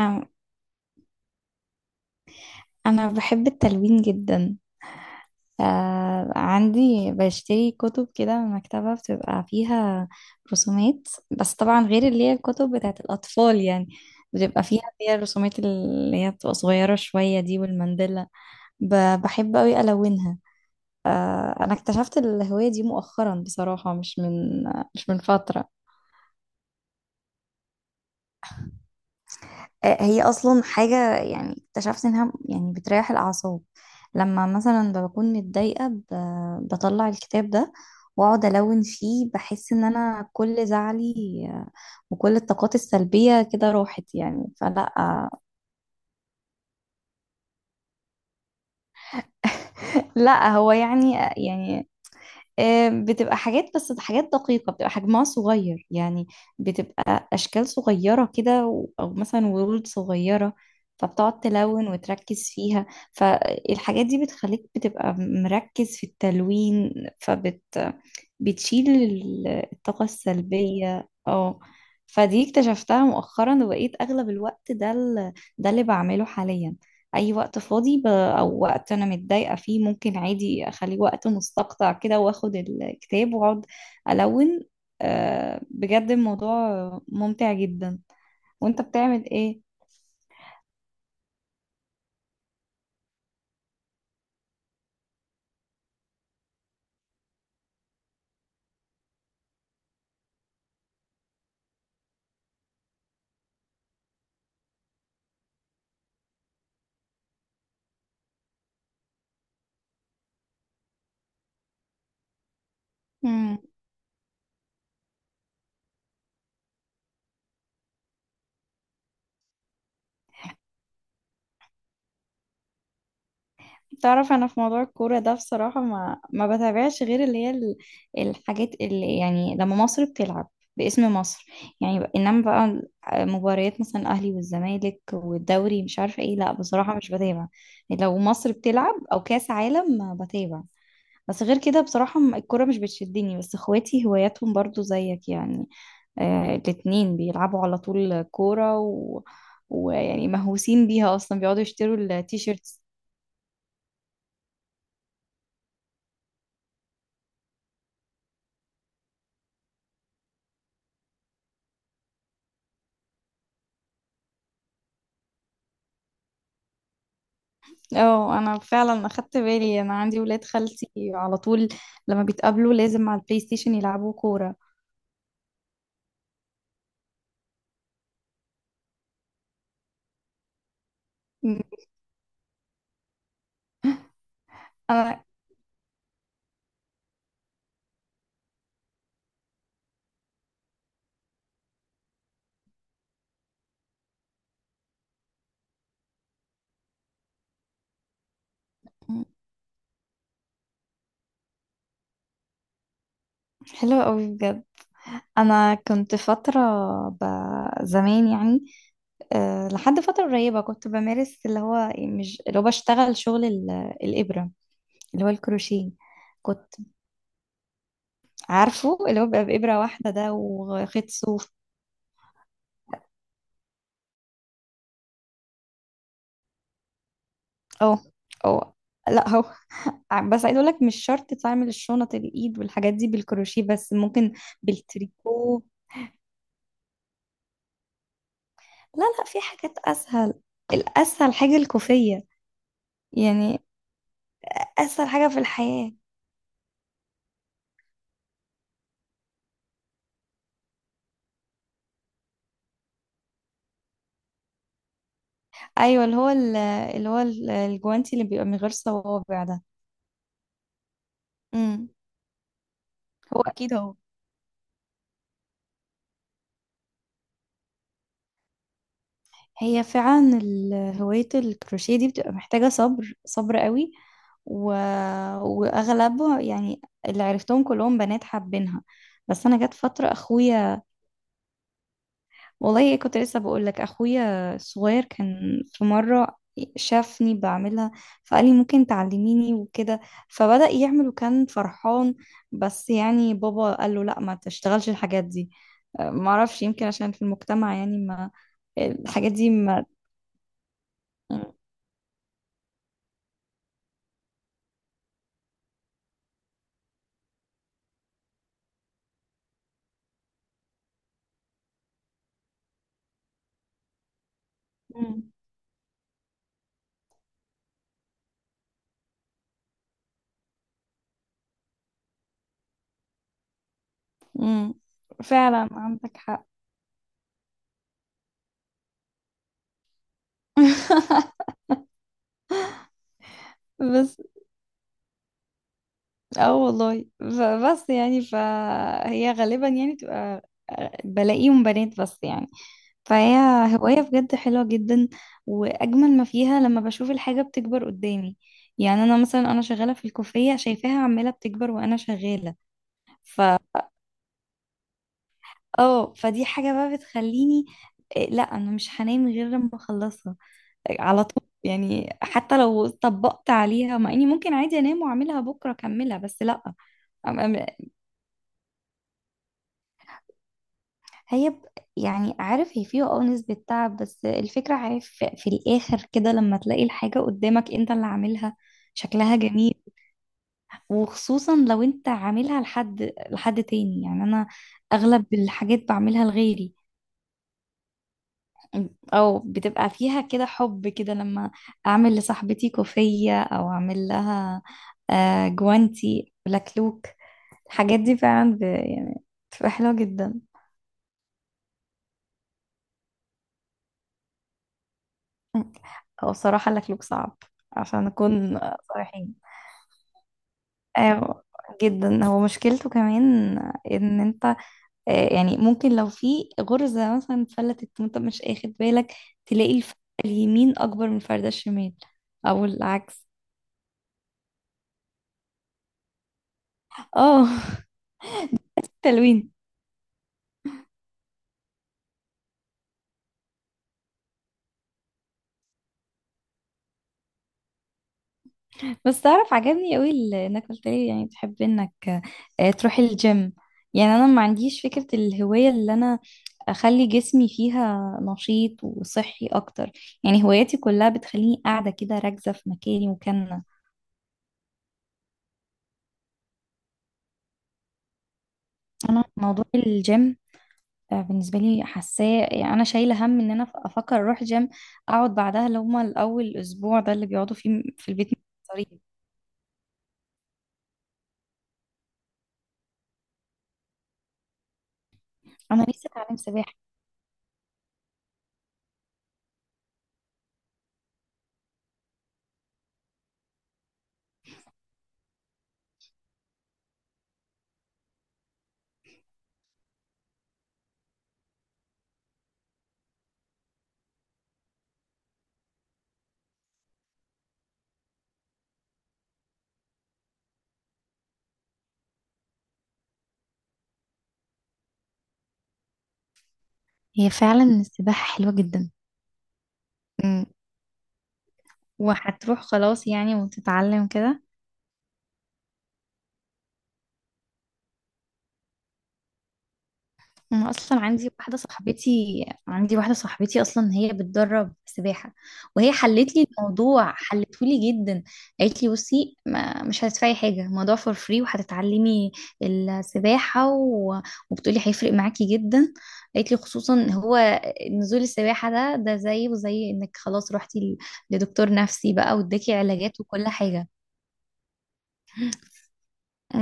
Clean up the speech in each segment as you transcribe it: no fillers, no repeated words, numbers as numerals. أم- أنا بحب التلوين جدا. آه، عندي بشتري كتب كده من مكتبة بتبقى فيها رسومات، بس طبعا غير اللي هي الكتب بتاعت الأطفال، يعني بتبقى فيها الرسومات اللي هي بتبقى صغيرة شوية دي والمندلة. بحب أوي ألونها. آه، أنا اكتشفت الهواية دي مؤخرا بصراحة، مش من فترة. آه، هي اصلا حاجه يعني اكتشفت انها يعني بتريح الاعصاب، لما مثلا بكون متضايقه بطلع الكتاب ده واقعد الون فيه، بحس ان انا كل زعلي، آه، وكل الطاقات السلبيه كده راحت يعني، فلا آه، لا هو يعني بتبقى حاجات، بس حاجات دقيقة بتبقى حجمها صغير يعني، بتبقى أشكال صغيرة كده و- أو مثلا ورود صغيرة، فبتقعد تلون وتركز فيها، فالحاجات دي بتخليك بتبقى مركز في التلوين، فبت بتشيل الطاقة السلبية. اه فدي اكتشفتها مؤخرا، وبقيت أغلب الوقت ده ده اللي بعمله حاليا. أي وقت فاضي أو وقت أنا متضايقة فيه، ممكن عادي أخليه وقت مستقطع كده، وآخد الكتاب وأقعد ألون. آه، بجد الموضوع ممتع جدا. وأنت بتعمل إيه؟ تعرف انا في موضوع الكوره ده بصراحه ما بتابعش غير اللي هي الحاجات اللي يعني لما مصر بتلعب باسم مصر، يعني ب- انما بقى مباريات مثلا الاهلي والزمالك والدوري مش عارفه ايه، لا بصراحه مش بتابع. لو مصر بتلعب او كاس عالم ما بتابع. بس غير كده بصراحه م- الكوره مش بتشدني، بس اخواتي هواياتهم برضو زيك يعني، آه الاتنين بيلعبوا على طول كوره و... ويعني مهووسين بيها اصلا، بيقعدوا يشتروا التيشيرت. اه انا فعلا اخدت بالي، انا عندي ولاد خالتي على طول لما بيتقابلوا لازم على البلاي ستيشن يلعبوا كورة. م- انا م- حلوة قوي بجد. انا كنت فترة ب... زمان يعني، أه لحد فترة قريبة كنت بمارس اللي هو مش اللي هو بشتغل شغل ال... الإبرة، اللي هو الكروشيه. كنت عارفه اللي هو بيبقى بإبرة واحدة ده وخيط صوف. اه اه لا هو بس عايز اقول لك مش شرط تعمل الشنط الايد والحاجات دي بالكروشيه، بس ممكن بالتريكو. لا لا في حاجات اسهل، الاسهل حاجه الكوفيه يعني، اسهل حاجه في الحياه. ايوه اللي هو اللي هو الجوانتي اللي بيبقى من غير صوابع ده. امم هو اكيد هو. هي فعلا هواية الكروشيه دي بتبقى محتاجة صبر قوي، و... وأغلبه يعني اللي عرفتهم كلهم بنات حابينها، بس أنا جت فترة أخويا. والله إيه كنت لسه بقول لك، أخويا الصغير كان في مرة شافني بعملها، فقال لي ممكن تعلميني وكده، فبدأ يعمل وكان فرحان، بس يعني بابا قال له لا ما تشتغلش الحاجات دي. أه، معرفش يمكن عشان في المجتمع يعني، ما الحاجات دي ما امم، فعلا عندك حق. بس اه والله بس يعني فهي غالبا يعني تبقى آه، بلاقيهم بنات بس يعني. فهي هواية بجد حلوة جدا، وأجمل ما فيها لما بشوف الحاجة بتكبر قدامي، يعني أنا مثلا أنا شغالة في الكوفية شايفاها عمالة بتكبر وأنا شغالة. ف اه فدي حاجة بقى بتخليني، إيه، لا أنا مش هنام غير لما أخلصها على طول يعني، حتى لو طبقت عليها، مع اني ممكن عادي انام واعملها بكره اكملها، بس لا. أم- أم- هي يعني عارف هي فيها اه نسبة تعب، بس الفكرة عارف في الآخر كده لما تلاقي الحاجة قدامك انت اللي عاملها شكلها جميل، وخصوصا لو انت عاملها لحد تاني يعني، انا اغلب الحاجات بعملها لغيري، او بتبقى فيها كده حب كده لما اعمل لصاحبتي كوفية او اعمل لها آه، جوانتي لكلوك. الحاجات دي فعلا ب... يعني بتبقى حلوة جدا. هو صراحة اللكلوك صعب عشان نكون صريحين. آه، جدا هو مشكلته كمان ان انت آه، يعني ممكن لو في غرزة مثلا اتفلتت وانت مش اخد بالك، تلاقي الفردة اليمين اكبر من الفردة الشمال او العكس. اه تلوين. بس تعرف عجبني قوي انك قلت لي يعني بتحب انك آه، تروحي الجيم. يعني انا ما عنديش فكرة الهواية اللي انا اخلي جسمي فيها نشيط وصحي اكتر، يعني هواياتي كلها بتخليني قاعدة كده راكزة في مكاني مكاننا. انا موضوع الجيم آه، بالنسبة لي حاساه يعني أنا شايلة هم إن أنا أفكر أروح جيم، أقعد بعدها اللي هما الأول أسبوع ده اللي بيقعدوا فيه في البيت مضطرين. أنا لسه أتعلم سباحة. هي فعلا السباحة حلوة جدا. وهتروح خلاص يعني وتتعلم كده. انا اصلا عندي واحده صاحبتي اصلا هي بتدرب سباحه، وهي حلت لي الموضوع، حلته لي جدا، قالت لي بصي ما مش هتدفعي حاجه، الموضوع فور فري، وهتتعلمي السباحه و... وبتقولي هيفرق معاكي جدا، قالت لي خصوصا هو نزول السباحه ده زيه زي انك خلاص روحتي لدكتور نفسي بقى واداكي علاجات وكل حاجه.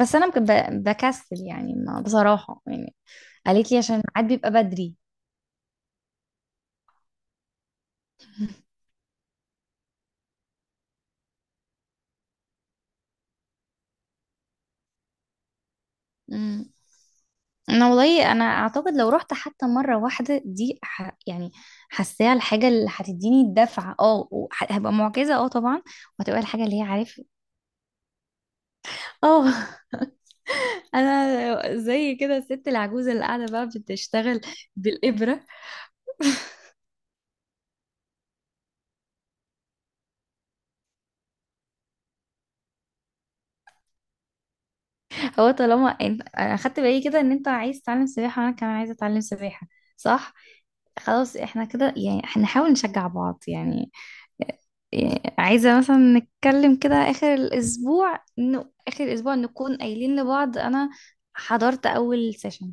بس انا بكسل يعني ما بصراحة يعني، قالت لي عشان الميعاد بيبقى بدري. مم. انا والله انا اعتقد لو رحت حتى مرة واحدة دي ح... يعني حاساها الحاجة اللي هتديني الدفعة، اه هبقى معجزة اه طبعا، وهتبقى الحاجة اللي هي عارف اه. انا زي كده الست العجوزة اللي قاعدة بقى بتشتغل بالإبرة. هو طالما انت انا اخدت بالي كده ان انت عايز تتعلم سباحة وانا كمان عايزة اتعلم سباحة، صح، خلاص احنا كده يعني هنحاول نشجع بعض يعني. إيه، عايزة مثلا نتكلم كده آخر الأسبوع إنه آخر الأسبوع نكون قايلين لبعض أنا حضرت أول سيشن.